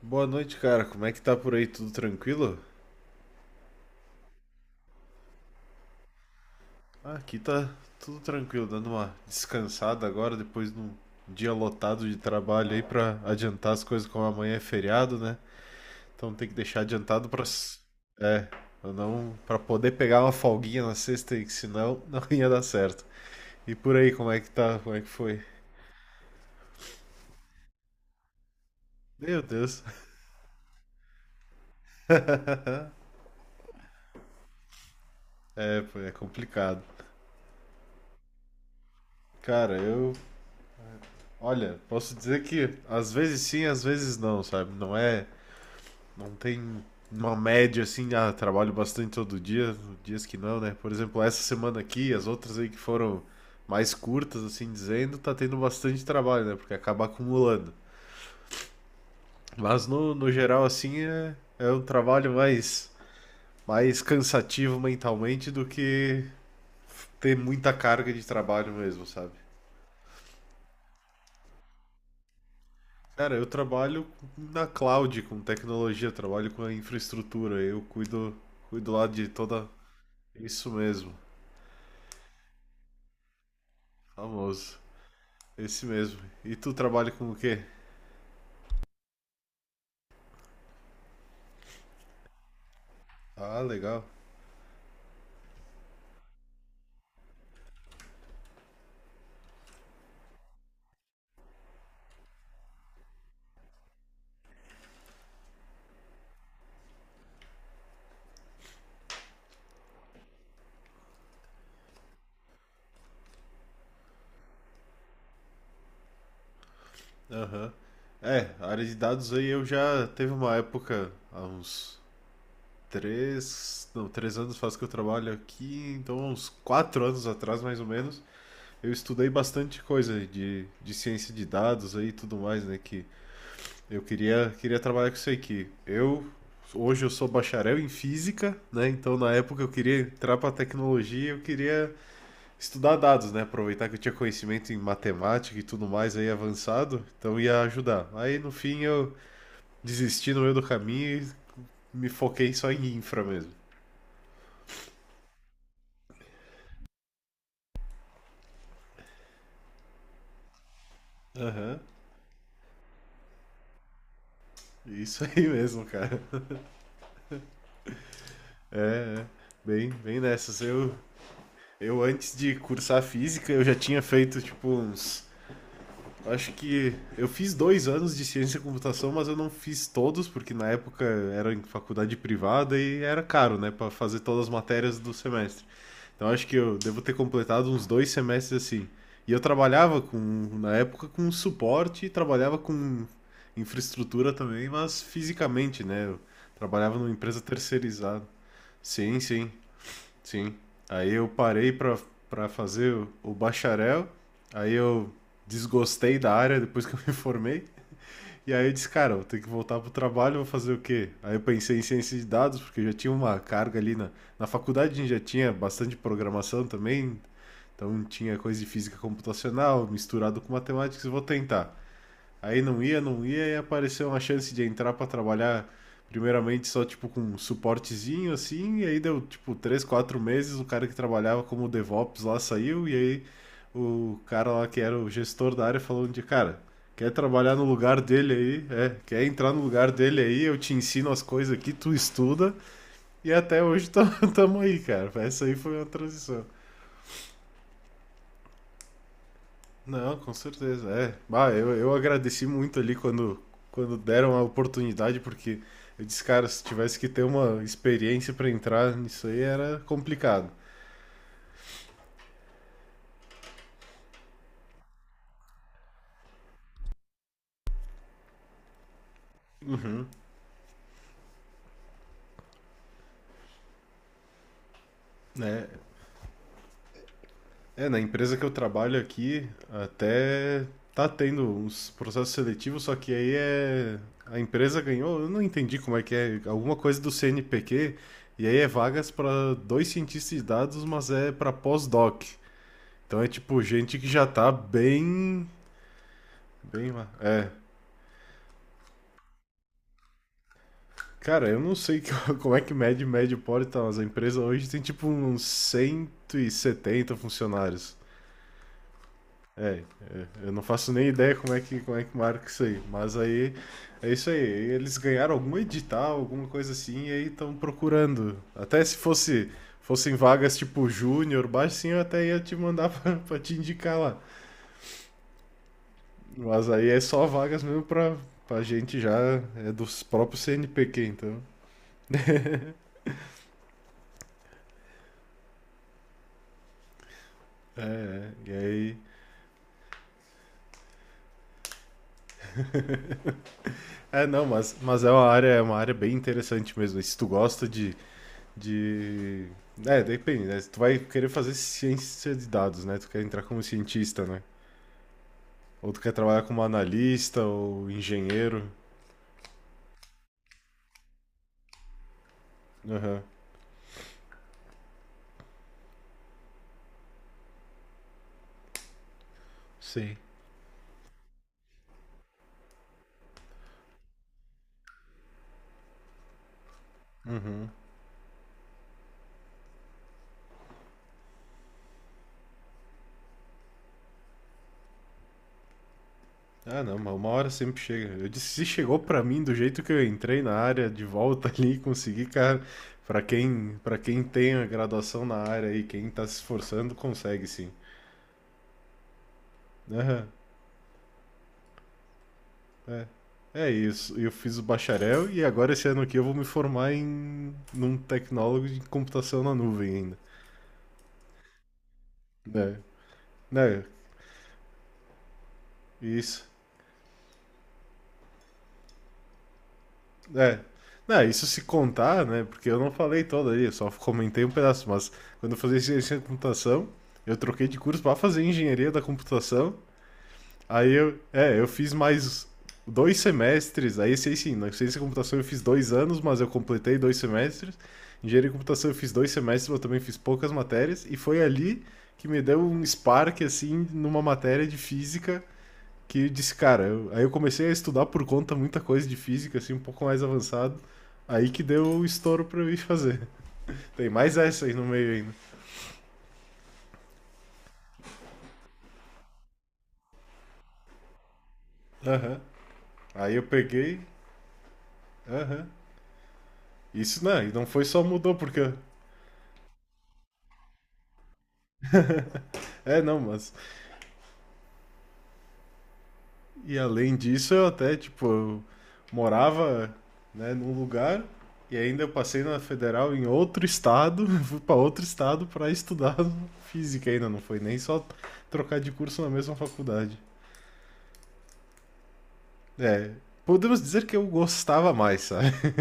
Boa noite, cara. Como é que tá por aí? Tudo tranquilo? Ah, aqui tá tudo tranquilo, dando uma descansada agora depois de um dia lotado de trabalho aí pra adiantar as coisas, como amanhã é feriado, né? Então tem que deixar adiantado É, pra não para poder pegar uma folguinha na sexta aí, que senão não ia dar certo. E por aí, como é que tá? Como é que foi? Meu Deus. É, pô, é complicado. Cara, eu, olha, posso dizer que às vezes sim, às vezes não, sabe? Não tem uma média assim, ah, trabalho bastante todo dia, dias que não, né? Por exemplo, essa semana aqui, as outras aí que foram mais curtas, assim dizendo, tá tendo bastante trabalho, né? Porque acaba acumulando. Mas no geral, assim, é um trabalho mais, mais cansativo mentalmente do que ter muita carga de trabalho mesmo, sabe? Cara, eu trabalho na cloud, com tecnologia, trabalho com a infraestrutura, eu cuido lá de toda. Isso mesmo, famoso. Esse mesmo. E tu trabalha com o quê? Ah, legal. Aham. É, a área de dados aí eu já teve uma época, há uns três, não, 3 anos faz que eu trabalho aqui, então uns 4 anos atrás mais ou menos, eu estudei bastante coisa de ciência de dados aí e tudo mais, né, que eu queria, queria trabalhar com isso aí, hoje eu sou bacharel em física, né, então na época eu queria entrar pra tecnologia, eu queria estudar dados, né? Aproveitar que eu tinha conhecimento em matemática e tudo mais aí avançado, então ia ajudar. Aí no fim eu desisti no meio do caminho e me foquei só em infra mesmo. Aham. Isso aí mesmo, cara. Bem, bem nessas. Eu antes de cursar física, eu já tinha feito tipo uns acho que eu fiz 2 anos de ciência da computação, mas eu não fiz todos, porque na época era em faculdade privada e era caro, né, pra fazer todas as matérias do semestre. Então acho que eu devo ter completado uns 2 semestres assim. E eu trabalhava com, na época, com suporte, trabalhava com infraestrutura também, mas fisicamente, né? Eu trabalhava numa empresa terceirizada. Sim, sim, sim. Aí eu parei pra, pra fazer o bacharel, aí eu desgostei da área depois que eu me formei, e aí eu disse, cara, eu vou ter que voltar pro trabalho, vou fazer o quê? Aí eu pensei em ciência de dados, porque eu já tinha uma carga ali na faculdade, a gente já tinha bastante programação também, então tinha coisa de física computacional misturado com matemática, vou tentar. Aí não ia, e apareceu uma chance de entrar para trabalhar primeiramente só tipo com um suportezinho assim, e aí deu tipo 3, 4 meses, o cara que trabalhava como DevOps lá saiu, e aí o cara lá que era o gestor da área falou de cara, quer trabalhar no lugar dele aí, é, quer entrar no lugar dele aí, eu te ensino as coisas aqui, tu estuda, e até hoje tamo aí, cara. Essa aí foi uma transição. Não, com certeza. É. Bah, eu agradeci muito ali quando, quando deram a oportunidade, porque eu disse, cara, se tivesse que ter uma experiência para entrar nisso aí era complicado. Uhum. Né? É, na empresa que eu trabalho aqui, até tá tendo uns processos seletivos, só que aí é. A empresa ganhou, eu não entendi como é que é, alguma coisa do CNPq, e aí é vagas para dois cientistas de dados, mas é para pós-doc. Então é tipo gente que já tá bem. Bem lá. É. Cara, eu não sei como é que mede médio pode tá, mas a empresa hoje tem tipo uns 170 funcionários. É, eu não faço nem ideia como é que marca isso aí. Mas aí é isso aí. Eles ganharam algum edital, alguma coisa assim, e aí estão procurando. Até se fossem vagas tipo júnior, baixinho, eu até ia te mandar pra, pra te indicar lá. Mas aí é só vagas mesmo pra, pra gente já. É dos próprios CNPq, então. É, é, e aí. É, não, mas é uma área bem interessante mesmo. Se tu gosta de, de. É, depende, né? Se tu vai querer fazer ciência de dados, né? Tu quer entrar como cientista, né? Ou tu quer trabalhar como analista ou engenheiro. Aham. Sim. Ah, não, mas uma hora sempre chega. Eu disse, se chegou pra mim do jeito que eu entrei na área, de volta ali, e consegui, cara. Pra quem tem a graduação na área e quem tá se esforçando, consegue sim. Aham. É. É isso. Eu fiz o bacharel e agora esse ano aqui eu vou me formar em num tecnólogo de computação na nuvem ainda. Né? Né? Isso. É. Né, isso se contar, né? Porque eu não falei toda aí, eu só comentei um pedaço, mas quando eu fazia ciência da computação, eu troquei de curso para fazer engenharia da computação. Aí eu, é, eu fiz mais 2 semestres, aí sei sim, na ciência da computação eu fiz 2 anos, mas eu completei 2 semestres. Engenharia de computação eu fiz 2 semestres, mas eu também fiz poucas matérias, e foi ali que me deu um spark, assim, numa matéria de física, que eu disse, cara, aí eu comecei a estudar por conta muita coisa de física, assim, um pouco mais avançado, aí que deu o estouro pra eu ir fazer. Tem mais essa aí no meio ainda. Aham. Aí eu peguei, aham. Isso não, e não foi só mudou, porque... É, não, mas... E além disso, eu até, tipo, eu morava, né, num lugar e ainda eu passei na federal em outro estado, fui para outro estado para estudar física ainda, não foi nem só trocar de curso na mesma faculdade. É, podemos dizer que eu gostava mais, sabe?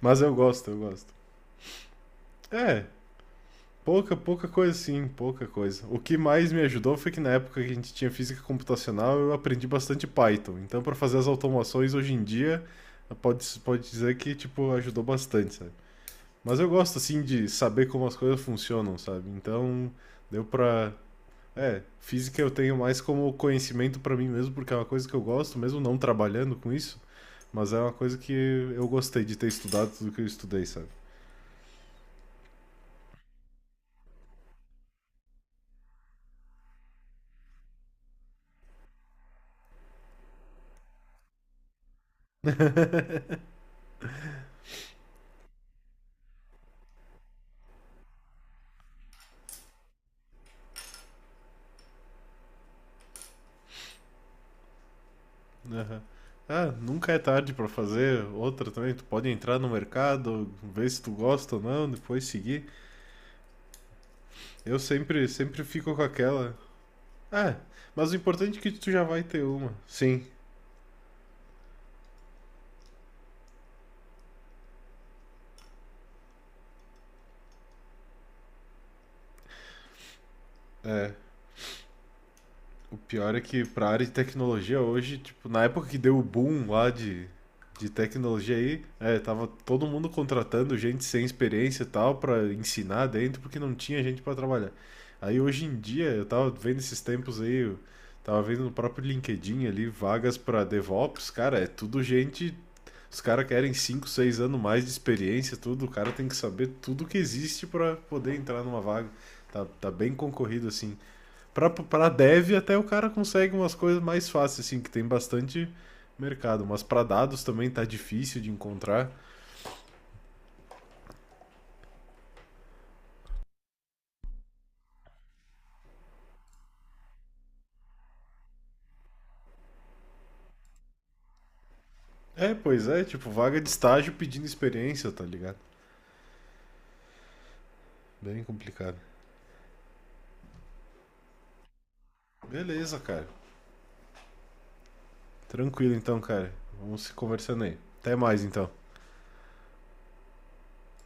Mas eu gosto, eu gosto. É, pouca, pouca coisa, sim, pouca coisa. O que mais me ajudou foi que na época que a gente tinha física computacional, eu aprendi bastante Python. Então, para fazer as automações hoje em dia, pode dizer que, tipo, ajudou bastante, sabe? Mas eu gosto, assim, de saber como as coisas funcionam, sabe? Então, deu pra. É, física eu tenho mais como conhecimento para mim mesmo, porque é uma coisa que eu gosto, mesmo não trabalhando com isso. Mas é uma coisa que eu gostei de ter estudado tudo que eu estudei, sabe? Aham. Ah, nunca é tarde pra fazer outra também. Tu pode entrar no mercado, ver se tu gosta ou não, depois seguir. Eu sempre fico com aquela. Ah, mas o importante é que tu já vai ter uma. Sim. O pior é que pra área de tecnologia hoje, tipo, na época que deu o boom lá de tecnologia aí, é, tava todo mundo contratando gente sem experiência e tal pra ensinar dentro, porque não tinha gente pra trabalhar. Aí hoje em dia, eu tava vendo esses tempos aí, eu tava vendo no próprio LinkedIn ali, vagas pra DevOps, cara, é tudo gente. Os caras querem 5 6 anos mais de experiência, tudo. O cara tem que saber tudo que existe pra poder entrar numa vaga. Tá, tá bem concorrido assim. Pra dev até o cara consegue umas coisas mais fáceis, assim, que tem bastante mercado. Mas pra dados também tá difícil de encontrar. É, pois é, tipo, vaga de estágio pedindo experiência, tá ligado? Bem complicado. Beleza, cara. Tranquilo então, cara. Vamos se conversando aí. Até mais então.